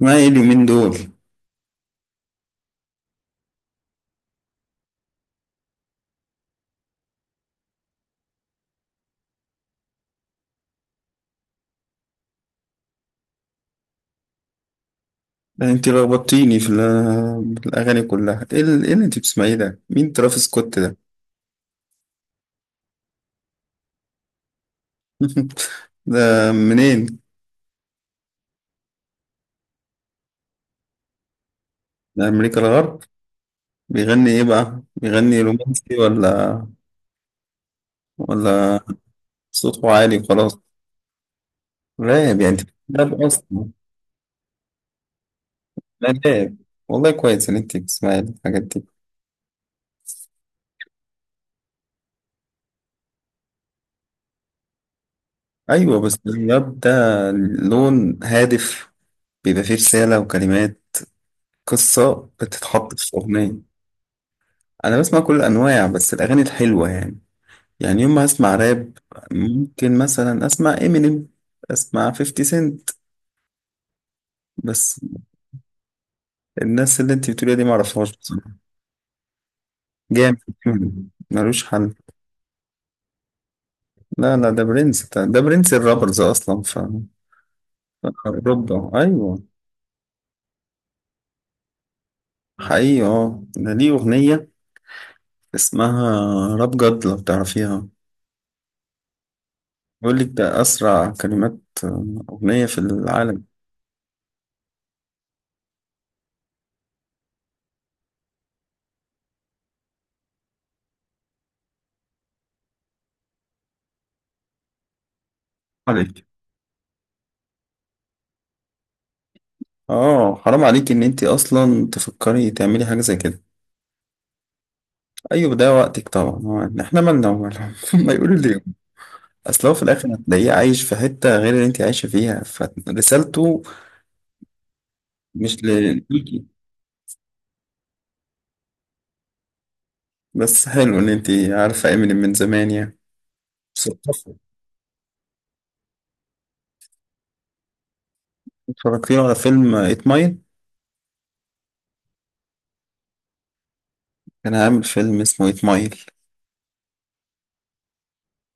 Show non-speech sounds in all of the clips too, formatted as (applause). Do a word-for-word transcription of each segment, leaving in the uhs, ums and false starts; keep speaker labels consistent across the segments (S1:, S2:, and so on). S1: ما ايه اليومين دول؟ ده انت لخبطتيني في ال- في الاغاني كلها. ايه ال- إيه اللي انت بتسمعيه ده؟ مين ترافيس سكوت ده؟ (laughs) ده منين؟ ده امريكا الغرب. بيغني ايه بقى؟ بيغني رومانسي ولا؟ ولا صوته عالي وخلاص؟ راب يعني انت؟ راب اصلا؟ لا، راب. والله كويس ان انت بتسمعي الحاجات دي. ايوه، بس الراب ده لون هادف، بيبقى فيه رسالة وكلمات، قصة بتتحط في أغنية. انا بسمع كل الانواع بس الاغاني الحلوه يعني. يعني يوم ما اسمع راب، ممكن مثلا اسمع امينيم، اسمع خمسين سنت بس. الناس اللي انت بتقوليها دي ما اعرفهاش بصراحه. جامد. Eminem، ملوش حل. لا لا، ده برنس، ده, ده برنس الرابرز اصلا. ف اوروبا، ايوه. حقيقي، اه ده ليه اغنيه اسمها راب جد لو تعرفيها. بيقول لك ده اسرع كلمات اغنيه في العالم. عليك، اه، حرام عليك ان انت اصلا تفكري تعملي حاجه زي كده. ايوه، ده وقتك طبعا. هو احنا مالنا ومالهم؟ (laughs) ما يقولوا لي. اصل هو في الاخر هتلاقيه عايش في حته غير اللي انت عايشه فيها، فرسالته مش ليكي. بس حلو ان انت عارفه امينيم من زمان يعني. مثقفة. اتفرجتي على فيلم ايت مايل؟ كان عامل فيلم اسمه ايت مايل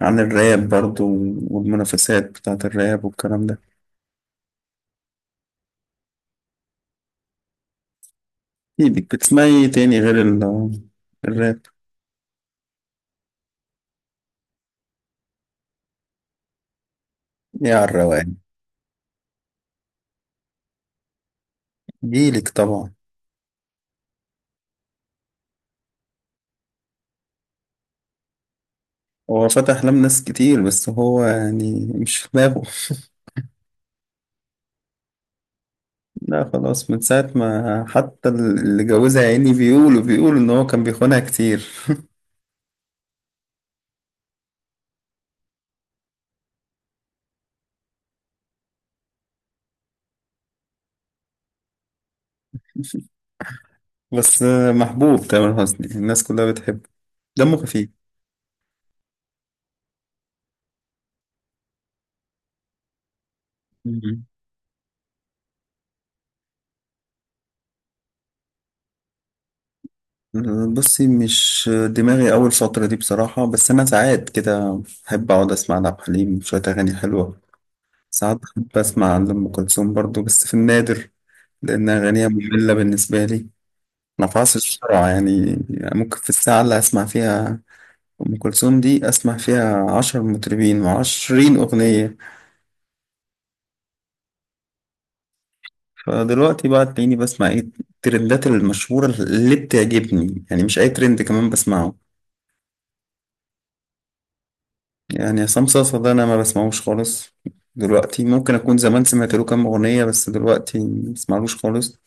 S1: عن الراب برضو، والمنافسات بتاعه الراب والكلام ده. ايدك بتسمعي إيه تاني غير ال- الراب؟ يا على الروقان. جيلك طبعا. هو فتح أحلام ناس كتير بس هو يعني مش في دماغه. لا، خلاص من ساعة ما حتى اللي جوزها يا عيني بيقولوا بيقولوا إن هو كان بيخونها كتير. بس آه، محبوب تامر حسني، الناس كلها بتحبه، دمه خفيف. مم. آه، بصي، مش دماغي أول فترة دي بصراحة، بس أنا ساعات كده أحب أقعد أسمع لعبد الحليم شوية أغاني حلوة. ساعات بحب أسمع لأم كلثوم برضو بس في النادر، لأن أغانيها مملة بالنسبة لي، ما بعصرش بسرعة يعني. ممكن في الساعة اللي هسمع فيها أم كلثوم دي أسمع فيها عشر مطربين وعشرين أغنية. فدلوقتي بقى تلاقيني بسمع إيه؟ الترندات المشهورة اللي بتعجبني، يعني مش أي ترند كمان بسمعه. يعني عصام صاصا ده أنا ما بسمعوش خالص. دلوقتي، ممكن أكون زمان سمعت له كام أغنية بس دلوقتي ما بسمعلوش خالص،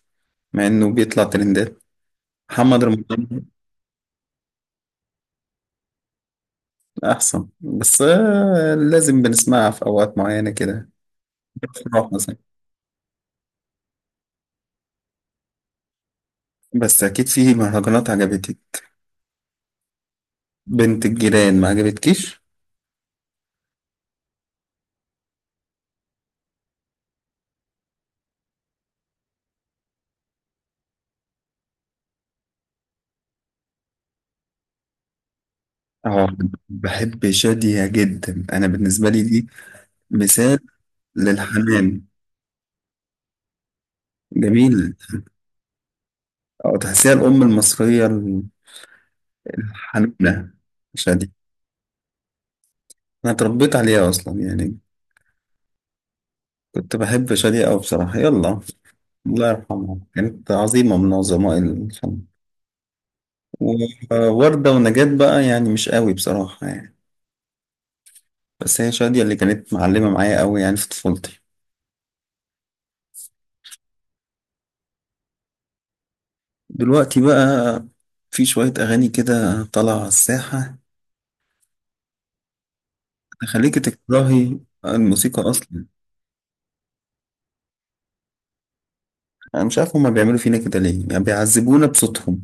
S1: مع إنه بيطلع ترندات. محمد رمضان أحسن، بس آه، لازم بنسمعها في أوقات معينة كده، في الأفراح مثلا. بس أكيد في مهرجانات عجبتك. بنت الجيران ما عجبتكيش؟ اه، بحب شادية جدا. انا بالنسبه لي، دي مثال للحنان. جميل. او تحسيها الام المصريه الحنونه، شادية. انا اتربيت عليها اصلا يعني، كنت بحب شادية أوي بصراحه. يلا، الله يرحمها، كانت عظيمه من عظماء الفن. ووردة ونجاة بقى يعني مش قوي بصراحه يعني، بس هي شادية اللي كانت معلمه معايا قوي يعني في طفولتي. دلوقتي بقى في شويه اغاني كده طالعه على الساحه تخليكي تكرهي الموسيقى أصلا. أنا مش عارف هما بيعملوا فينا كده ليه، يعني بيعذبونا بصوتهم.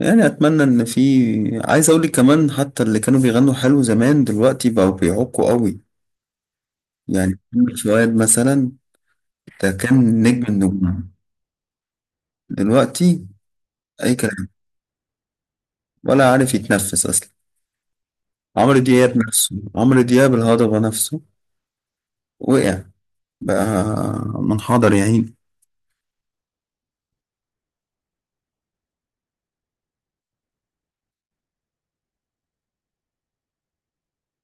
S1: يعني أتمنى إن في، عايز أقول لك كمان، حتى اللي كانوا بيغنوا حلو زمان دلوقتي بقوا بيعقوا قوي. يعني محمد فؤاد مثلا، ده كان نجم النجوم، دلوقتي أي كلام، ولا عارف يتنفس أصلا. عمرو دياب نفسه، عمرو دياب الهضبة نفسه وقع بقى، منحدر يا عيني.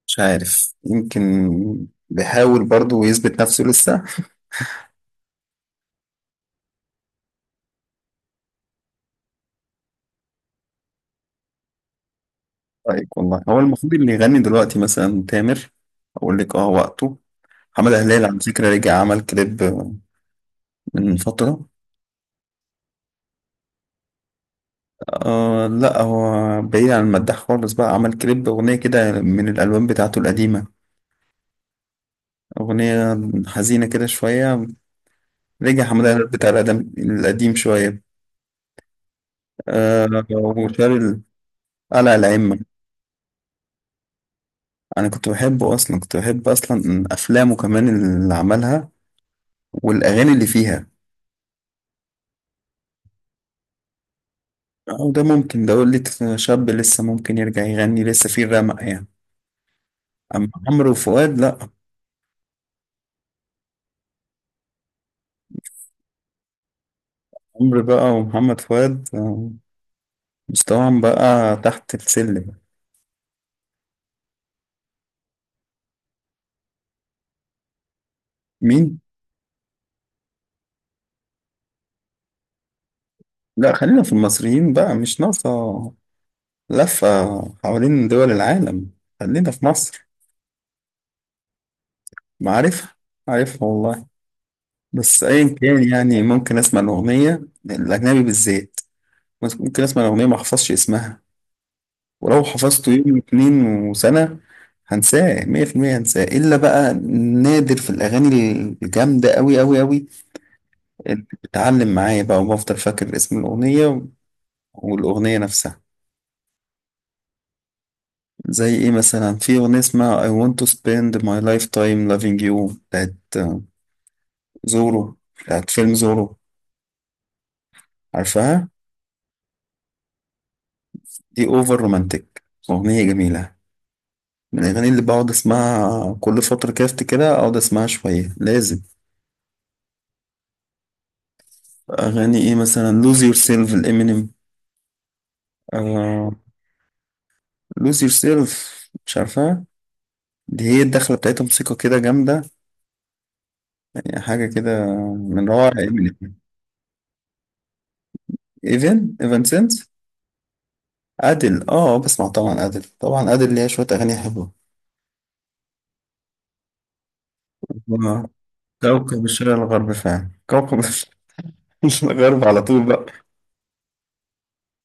S1: مش عارف، يمكن بيحاول برضه يثبت نفسه لسه. رايك والله هو المفروض اللي يغني دلوقتي مثلا تامر. اقول لك، اه وقته. محمد هلال على فكرة رجع عمل كليب من فترة. آه، لا، هو بعيد عن المداح خالص بقى، عمل كليب أغنية كده من الألبوم بتاعته القديمة. أغنية حزينة كده شوية. رجع حمادة هلال بتاع القدم القديم شوية. آه. وشال ال- قلع الأئمة. أنا كنت بحبه أصلا، كنت بحب أصلا أفلامه كمان اللي عملها والأغاني اللي فيها. أو ده ممكن ده يقول لي شاب لسه، ممكن يرجع يغني لسه فيه الرمق يعني. أما عمرو وفؤاد لأ. عمرو بقى ومحمد فؤاد، آه، مستواهم بقى تحت السلم. مين؟ لأ، خلينا في المصريين بقى، مش ناقصة لفة حوالين دول العالم. خلينا في مصر. معرفة، عارفها والله. بس أيا كان، يعني ممكن أسمع الأغنية، الأجنبي بالذات، ممكن أسمع الأغنية ما أحفظش اسمها، ولو حفظته يوم اتنين وسنة هنساه مية في المية، هنساه إلا بقى نادر في الأغاني الجامدة أوي أوي أوي اللي بتعلم معايا بقى، وبفضل فاكر اسم الأغنية والأغنية نفسها. زي إيه مثلا؟ في أغنية اسمها I want to spend my lifetime loving you بتاعت زورو، بتاعت فيلم زورو. عارفها؟ دي أوفر رومانتك، أغنية جميلة، من الأغاني اللي بقعد أسمعها كل فترة كده، أفتكرها أقعد أسمعها شوية لازم. أغاني إيه مثلا؟ lose yourself الإمينيم، آه. lose yourself، مش عارفها؟ دي هي الدخلة بتاعتها موسيقى كده جامدة، يعني حاجة كده من روعة إمينيم. إيفن إيفن سينس. أديل، آه، بسمع طبعا. أديل طبعا، أديل ليها شوية أغاني حلوة. آه، كوكب الشرق الغرب، فعلا كوكب (laughs) الشرق الغرب على طول بقى.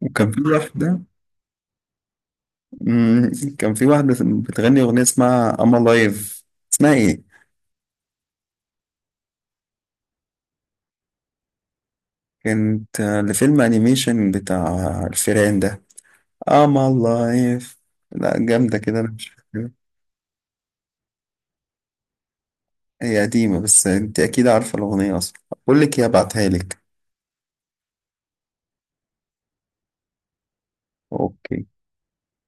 S1: وكان في واحدة، مم، كان في واحدة بتغني أغنية اسمها أما لايف. اسمها إيه؟ كانت آه، لفيلم أنيميشن بتاع الفيران ده. اه، ما الله عارف، لا، جامدة كده، انا مش فاكرها. هي قديمة بس انت اكيد عارفة الاغنية اصلا. بقول لك ايه، ابعتها لك. اوكي.